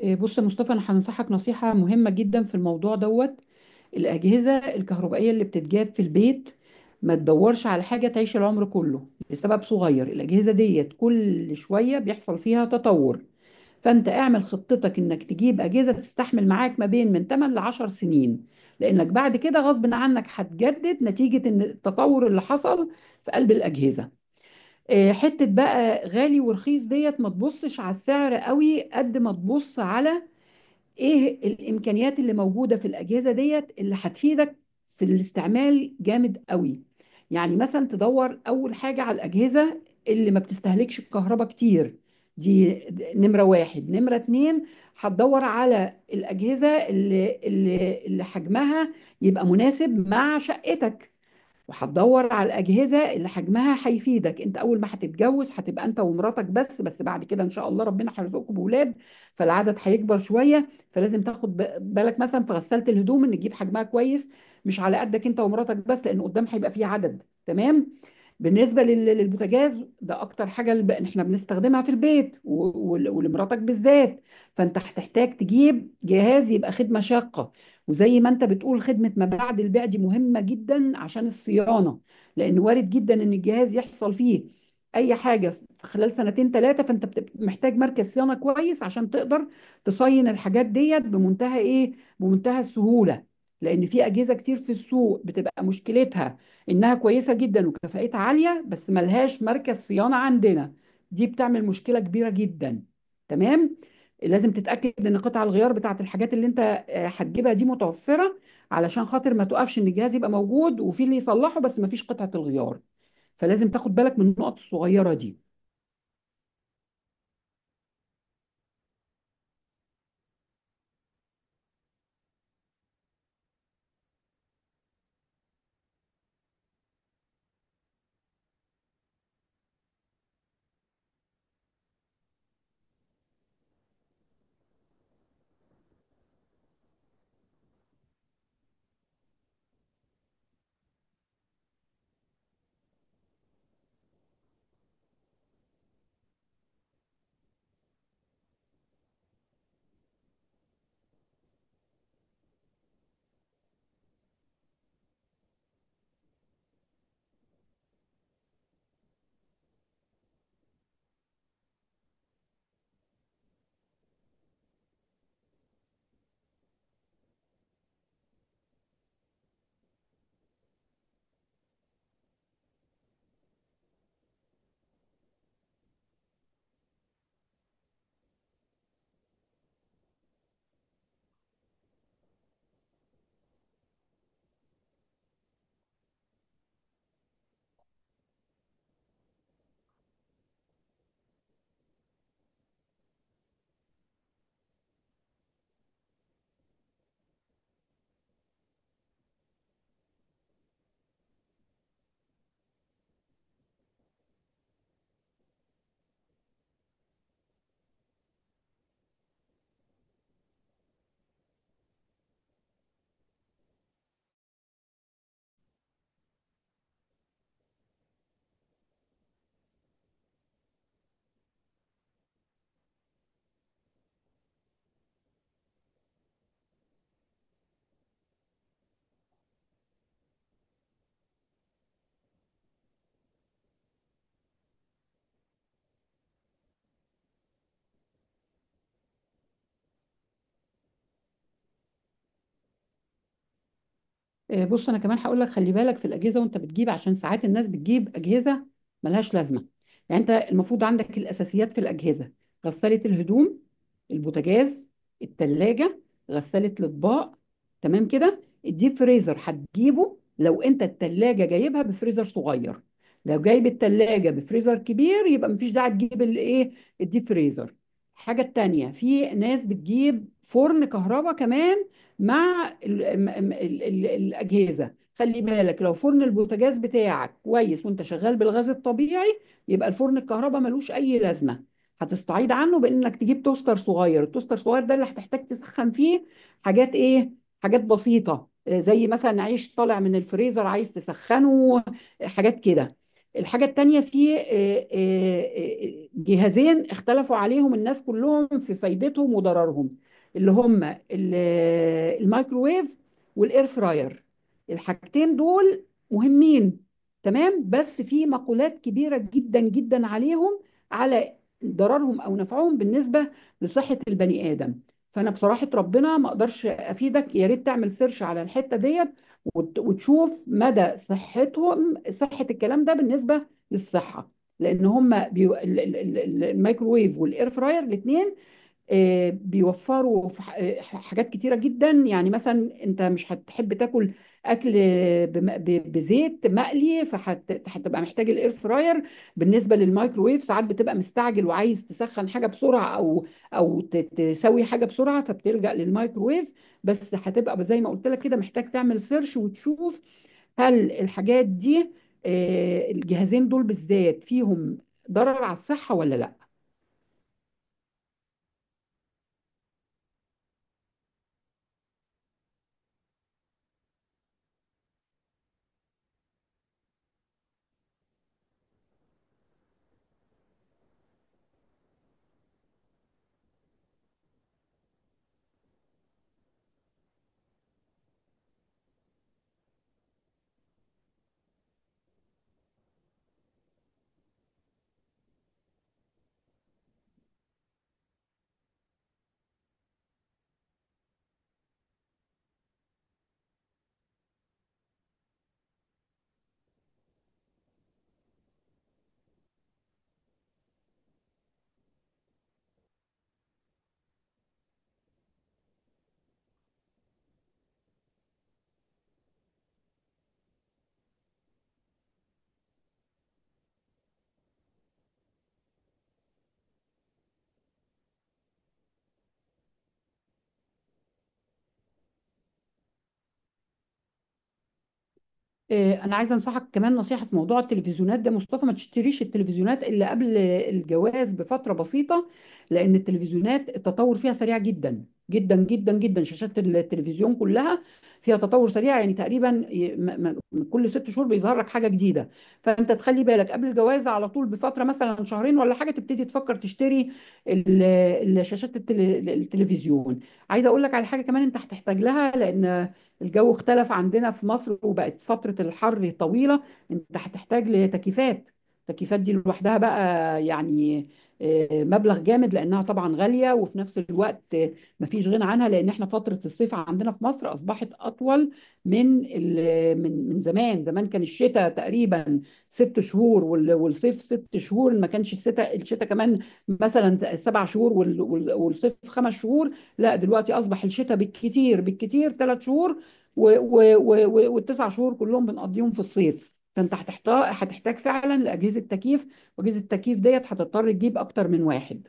إيه، بص يا مصطفى، انا هنصحك نصيحة مهمة جدا في الموضوع دوت. الأجهزة الكهربائية اللي بتتجاب في البيت، ما تدورش على حاجة تعيش العمر كله لسبب صغير. الأجهزة ديت كل شوية بيحصل فيها تطور، فأنت اعمل خطتك إنك تجيب أجهزة تستحمل معاك ما بين من 8 ل 10 سنين، لأنك بعد كده غصب عنك هتجدد نتيجة إن التطور اللي حصل في قلب الأجهزة. إيه، حتة بقى غالي ورخيص ديت، ما تبصش على السعر قوي قد ما تبص على ايه الامكانيات اللي موجوده في الاجهزه ديت اللي هتفيدك في الاستعمال جامد قوي. يعني مثلا تدور اول حاجه على الاجهزه اللي ما بتستهلكش الكهرباء كتير دي. نمره واحد. نمره اتنين، هتدور على الاجهزه اللي حجمها يبقى مناسب مع شقتك. وهتدور على الأجهزة اللي حجمها هيفيدك. انت اول ما هتتجوز هتبقى انت ومراتك بس، بس بعد كده ان شاء الله ربنا هيرزقكم بأولاد، فالعدد هيكبر شوية، فلازم تاخد بالك مثلا في غسالة الهدوم ان تجيب حجمها كويس، مش على قدك انت ومراتك بس، لان قدام هيبقى فيه عدد. تمام. بالنسبة للبوتاجاز ده أكتر حاجة، إحنا بنستخدمها في البيت، ولمراتك بالذات. فأنت هتحتاج تجيب جهاز يبقى خدمة شاقة. وزي ما أنت بتقول، خدمة ما بعد البيع دي مهمة جدا عشان الصيانة، لأن وارد جدا إن الجهاز يحصل فيه أي حاجة في خلال سنتين ثلاثة، فأنت بتبقى محتاج مركز صيانة كويس عشان تقدر تصين الحاجات ديت بمنتهى إيه، بمنتهى السهولة. لأن في أجهزة كتير في السوق بتبقى مشكلتها انها كويسه جدا وكفاءتها عاليه بس ملهاش مركز صيانه عندنا، دي بتعمل مشكله كبيره جدا. تمام. لازم تتاكد ان قطع الغيار بتاعت الحاجات اللي انت هتجيبها دي متوفره، علشان خاطر ما توقفش ان الجهاز يبقى موجود وفي اللي يصلحه بس ما فيش قطعه الغيار. فلازم تاخد بالك من النقط الصغيره دي. بص، انا كمان هقول لك خلي بالك في الاجهزه وانت بتجيب، عشان ساعات الناس بتجيب اجهزه ملهاش لازمه. يعني انت المفروض عندك الاساسيات في الاجهزه: غساله الهدوم، البوتاجاز، التلاجة، غساله الاطباق. تمام كده. الديب فريزر هتجيبه لو انت التلاجة جايبها بفريزر صغير. لو جايب التلاجة بفريزر كبير، يبقى مفيش داعي تجيب الايه، الديب فريزر. الحاجه التانيه، في ناس بتجيب فرن كهرباء كمان مع ال ال ال الأجهزة. خلي بالك لو فرن البوتاجاز بتاعك كويس وانت شغال بالغاز الطبيعي، يبقى الفرن الكهرباء ملوش أي لازمة. هتستعيض عنه بإنك تجيب توستر صغير. التوستر الصغير ده اللي هتحتاج تسخن فيه حاجات إيه، حاجات بسيطة زي مثلا عيش طالع من الفريزر عايز تسخنه، حاجات كده. الحاجة التانية، في جهازين اختلفوا عليهم الناس كلهم في فايدتهم وضررهم، اللي هم ال- الميكروويف والاير فراير. الحاجتين دول مهمين، تمام، بس في مقولات كبيرة جدا جدا عليهم، على ضررهم او نفعهم بالنسبة لصحة البني آدم. فانا بصراحة ربنا ما اقدرش افيدك، يا ريت تعمل سيرش على الحتة ديت، وتشوف مدى صحتهم، صحة الكلام ده بالنسبة للصحة، لان هم بيو... ال- ال- ال- الميكروويف والاير فراير الاثنين بيوفروا في حاجات كتيرة جدا. يعني مثلا انت مش هتحب تاكل اكل بزيت مقلي، فهتبقى محتاج الاير فراير. بالنسبة للمايكرويف، ساعات بتبقى مستعجل وعايز تسخن حاجة بسرعة او او تسوي حاجة بسرعة، فبتلجأ للمايكرويف. بس هتبقى زي ما قلت لك كده، محتاج تعمل سيرش وتشوف هل الحاجات دي، الجهازين دول بالذات، فيهم ضرر على الصحة ولا لا. إيه، انا عايزه انصحك كمان نصيحه في موضوع التلفزيونات ده، مصطفى. ما تشتريش التلفزيونات الا قبل الجواز بفتره بسيطه، لان التلفزيونات التطور فيها سريع جدا جدا جدا جدا. شاشات التلفزيون كلها فيها تطور سريع، يعني تقريبا كل ست شهور بيظهر لك حاجه جديده. فانت تخلي بالك قبل الجواز على طول بفتره مثلا شهرين ولا حاجه تبتدي تفكر تشتري ال- الشاشات، التلفزيون. عايزه اقول لك على حاجه كمان انت هتحتاج لها، لان الجو اختلف عندنا في مصر وبقت فترة الحر طويلة. انت هتحتاج لتكييفات. التكييفات دي لوحدها بقى يعني مبلغ جامد، لانها طبعا غالية، وفي نفس الوقت مفيش غنى عنها، لان احنا فترة الصيف عندنا في مصر اصبحت اطول من من زمان. زمان كان الشتاء تقريبا ست شهور والصيف ست شهور. ما كانش الشتاء كمان مثلا سبع شهور والصيف خمس شهور. لا، دلوقتي اصبح الشتاء بالكتير بالكتير ثلاث شهور، و و و و والتسع شهور كلهم بنقضيهم في الصيف. فانت هتحتاج فعلا لاجهزه تكييف، واجهزه التكييف ديت هتضطر تجيب اكتر من واحد.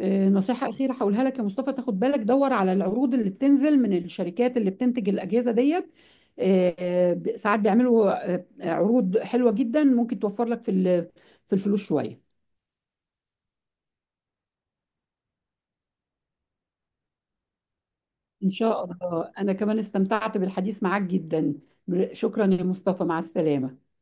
نصيحه اخيره هقولها لك يا مصطفى، تاخد بالك دور على العروض اللي بتنزل من الشركات اللي بتنتج الاجهزه ديت. ساعات بيعملوا عروض حلوه جدا، ممكن توفر لك في في الفلوس شويه. ان شاء الله، انا كمان استمتعت بالحديث معاك جدا. شكرا يا مصطفى، مع السلامه.